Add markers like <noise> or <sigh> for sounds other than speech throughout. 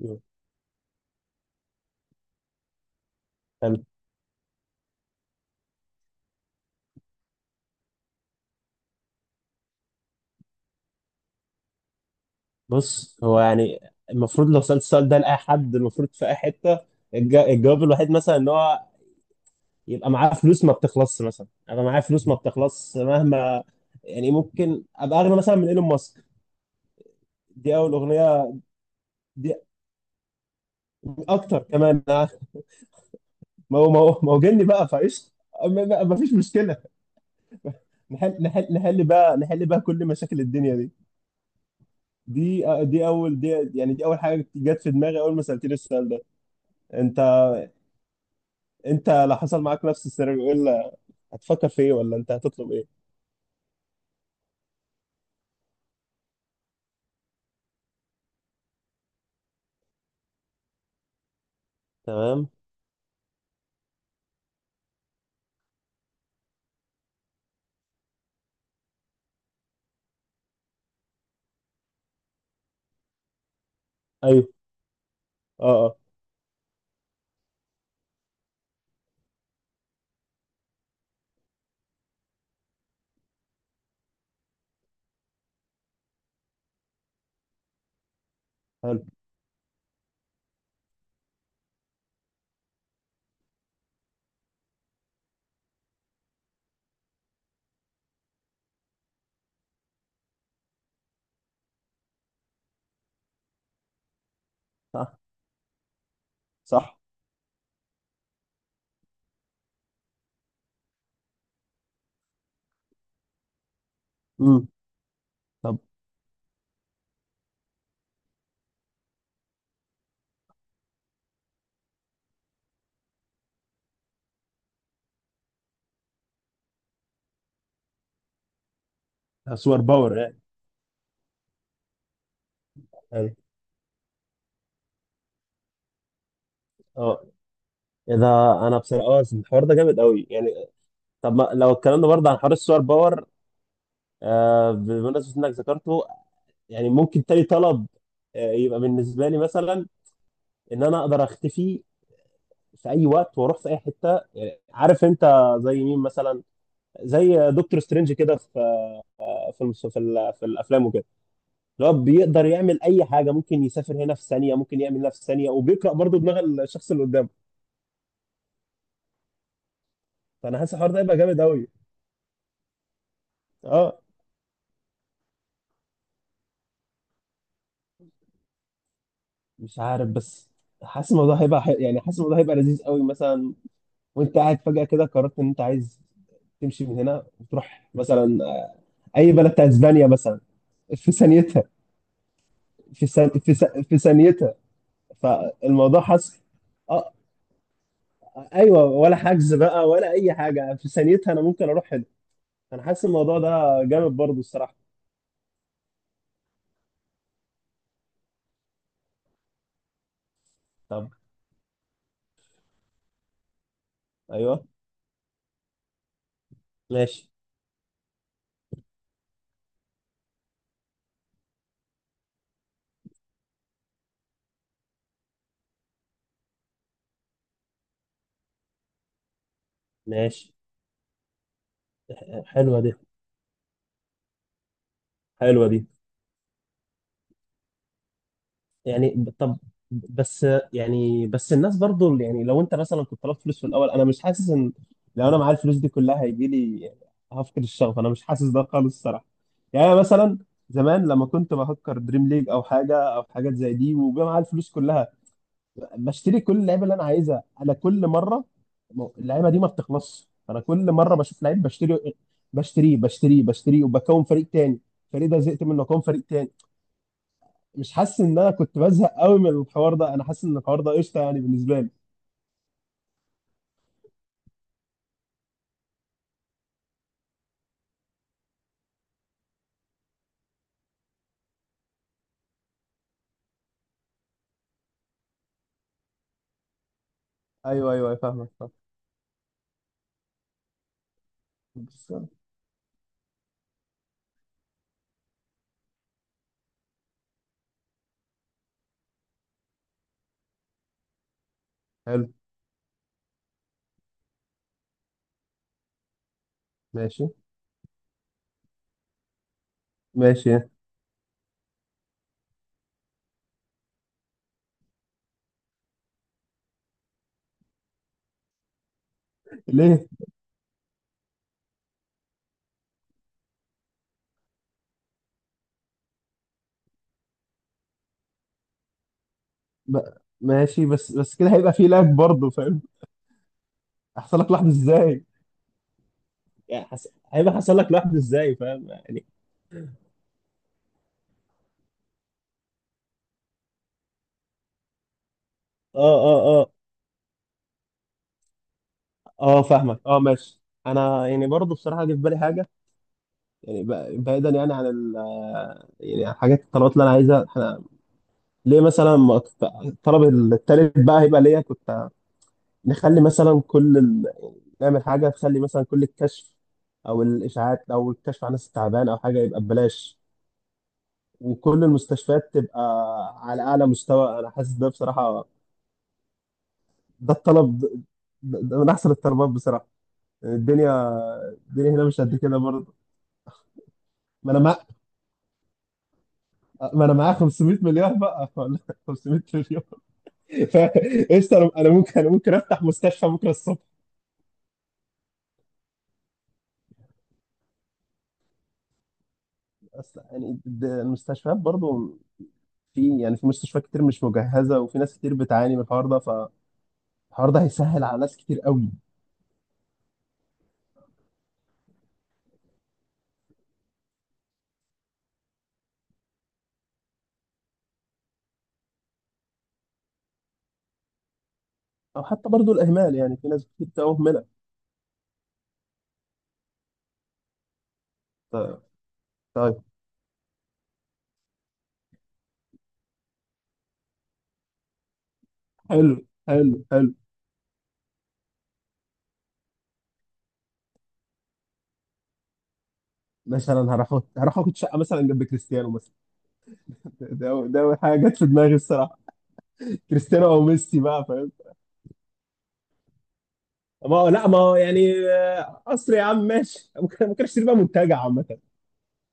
مم. حلو. بص، هو يعني المفروض لو سألت السؤال ده لأي حد، المفروض في أي حتة الجواب الوحيد مثلا إن هو يبقى معاه فلوس ما بتخلصش، مثلا أبقى معايا فلوس ما بتخلصش مهما. يعني ممكن أبقى أغنى مثلا من إيلون ماسك. دي أول أغنية، دي أكتر كمان ما هو جني بقى فايش. ما فيش مشكلة. نحل نحل نحل بقى، نحل بقى كل مشاكل الدنيا دي. دي دي أول. يعني دي أول حاجة جت في دماغي أول ما سألتني السؤال ده. أنت أنت لو حصل معاك نفس السيناريو، إيه هتفكر في ايه، ولا انت هتطلب ايه؟ تمام. ايوه، اه اه. حلو. صح. صح. امم. طب. سوبر باور يعني؟ حلو. اه. اذا انا بس الحوار ده جامد قوي يعني. طب ما لو اتكلمنا برضه عن حوار السوبر باور، آه، بمناسبة انك ذكرته، يعني ممكن تاني طلب آه، يبقى بالنسبة لي مثلا ان انا اقدر اختفي في اي وقت واروح في اي حتة، يعني عارف انت؟ زي مين مثلا؟ زي دكتور سترينج كده، في في الافلام وكده. لا، بيقدر يعمل اي حاجه، ممكن يسافر هنا في ثانيه، ممكن يعمل هنا في ثانيه، وبيقرا برضه دماغ الشخص اللي قدامه. فانا حاسس الحوار ده هيبقى جامد قوي. اه. مش عارف، بس حاسس الموضوع هيبقى يعني حاسس الموضوع هيبقى لذيذ قوي مثلا. وانت قاعد فجاه كده قررت ان انت عايز تمشي من هنا وتروح مثلا اي بلد بتاع اسبانيا مثلا، في ثانيتها. في ثانيتها فالموضوع حصل. اه، ايوه، ولا حجز بقى ولا اي حاجه، في ثانيتها انا ممكن اروح هنا. انا حاسس الموضوع ده جامد برضه الصراحه. طب. ايوه. ماشي، ماشي. حلوة دي، حلوة دي. يعني طب، بس يعني بس الناس برضو يعني لو انت مثلا كنت طلبت فلوس في الاول، انا مش حاسس ان لو انا معايا الفلوس دي كلها هيجي لي هفقد الشغف. انا مش حاسس ده خالص الصراحة. يعني أنا مثلا زمان لما كنت بهكر دريم ليج او حاجة او حاجات زي دي وبيبقى معايا الفلوس كلها، بشتري كل اللعيبه اللي انا عايزها. انا كل مره اللعيبه دي ما بتخلصش، انا كل مره بشوف لعيب بشتري، بشتريه بشتريه بشتريه، وبكون فريق تاني. الفريق ده زهقت منه، اكون فريق تاني. مش حاسس ان انا كنت بزهق قوي من الحوار ده، انا حاسس ان الحوار ده قشطه يعني بالنسبه لي. ايوه، ايوه، أيوة، فاهمك، فاهمك. بس. حلو. ماشي، ماشي. ليه؟ ب... ماشي، بس كده هيبقى فيه لاج برضه، فاهم؟ هيحصل لك لحظه ازاي؟ يعني هيبقى حصل لك لحظه ازاي، فاهم يعني؟ اه، اه، اه، فاهمك، اه، ماشي. انا يعني برضه بصراحه جه في بالي حاجه. يعني بعيدا يعني عن ال، يعني عن حاجات الطلبات اللي انا عايزها، احنا ليه مثلا ما ت- الطلب التالت بقى هيبقى ليا، كنت نخلي مثلا كل ال، نعمل حاجه تخلي مثلا كل الكشف او الاشاعات او الكشف عن الناس التعبان او حاجه يبقى ببلاش، وكل المستشفيات تبقى على اعلى مستوى. انا حاسس ده بصراحه. ده الطلب ده من احسن الطلبات بصراحه، يعني الدنيا، الدنيا هنا مش قد كده برضه. ما انا، ما انا معايا 500 مليون بقى، ولا 500 مليون <laughs> فقشطه. انا، أنا ممكن افتح مستشفى بكره الصبح. اصل يعني المستشفيات برضو، في يعني في مستشفيات كتير مش مجهزه، وفي ناس كتير بتعاني من الحوار ده، فالحوار ده هيسهل على ناس كتير قوي. او حتى برضو الاهمال، يعني في ناس كتير بتبقى مهمله. ف- طيب. حلو، حلو، حلو. مثلا هروح هروح اخد شقه مثلا جنب كريستيانو مثلا. ده أول حاجه جت في دماغي الصراحه، كريستيانو او ميسي بقى. ما هو لا، ما هو يعني قصر يا عم، ماشي، ممكن، ممكن اشتري بقى منتجع عامة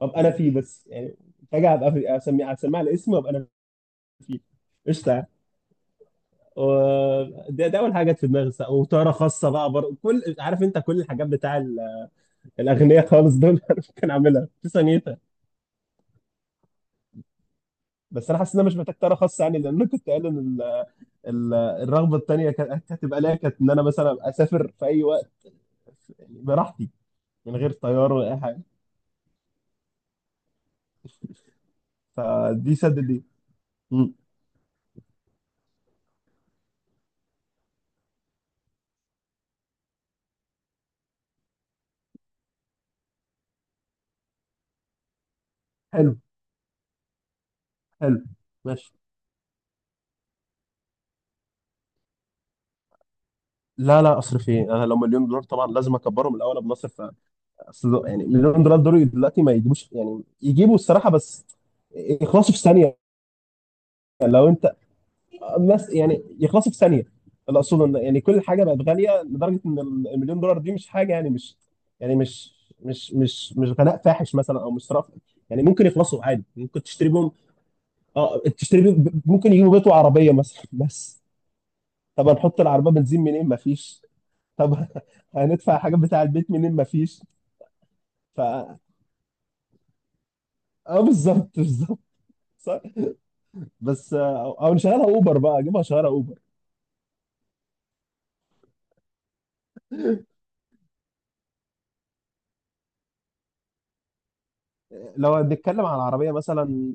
وابقى انا فيه بس، يعني منتجع هبقى اسميه، اسميه على اسمي وابقى انا فيه. قشطة. و- ده اول حاجة جت في دماغي، وطيارة خاصة بقى برضه، كل، عارف انت كل الحاجات بتاع الاغنياء خالص دول <laughs> انا ممكن اعملها في ثانيتها. بس انا حاسس ان انا مش محتاج طيارة خاصة، يعني لان انا كنت قايل ان الرغبة التانية كانت هتبقى ليا، كانت ان انا مثلا أبقى اسافر في اي وقت، يعني براحتي، من غير طيارة ولا اي حاجة. فدي سدد دي. حلو. حلو. ماشي. لا، لا، اصرف ايه، انا لو مليون دولار طبعا لازم اكبرهم الاول قبل ما اصرف. اصل يعني مليون دولار دول دلوقتي ما يجيبوش، يعني يجيبوا الصراحه، بس يخلصوا في ثانيه. لو انت الناس، يعني يخلصوا في ثانيه، اللي اقصده ان يعني كل حاجه بقت غاليه لدرجه ان المليون دولار دي مش حاجه، يعني مش، يعني مش غلاء فاحش مثلا، او مش صرف، يعني ممكن يخلصوا عادي، ممكن تشتري بهم، اه تشتري بيهم، ممكن يجيبوا بيت وعربيه مثلا، بس طب هنحط العربيه بنزين منين؟ ما فيش. طب <laughs> هندفع حاجات بتاع البيت منين؟ مفيش. ف اه بالظبط، بالظبط. صح. بس او نشغلها اوبر بقى، اجيبها شغاله اوبر. لو هنتكلم عن عربيه مثلا،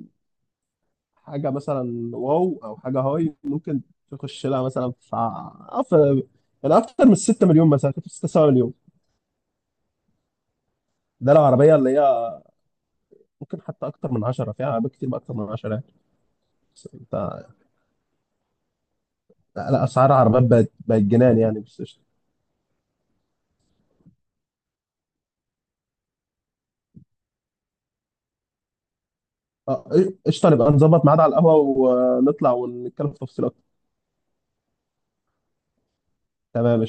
حاجه مثلا واو، او حاجه هاي، ممكن تخش لها مثلا في، يعني اكتر من 6 مليون مثلا، كنت 6 7 مليون. ده لو عربيه اللي هي ممكن حتى اكتر من 10، فيها عربيات كتير بقى اكتر من 10 يعني. بس انت، لا لا، اسعار العربيات بقت جنان يعني، بس قشطه. آه، قشطه، نبقى نظبط ميعاد على القهوه ونطلع ونتكلم في تفصيل. تمام.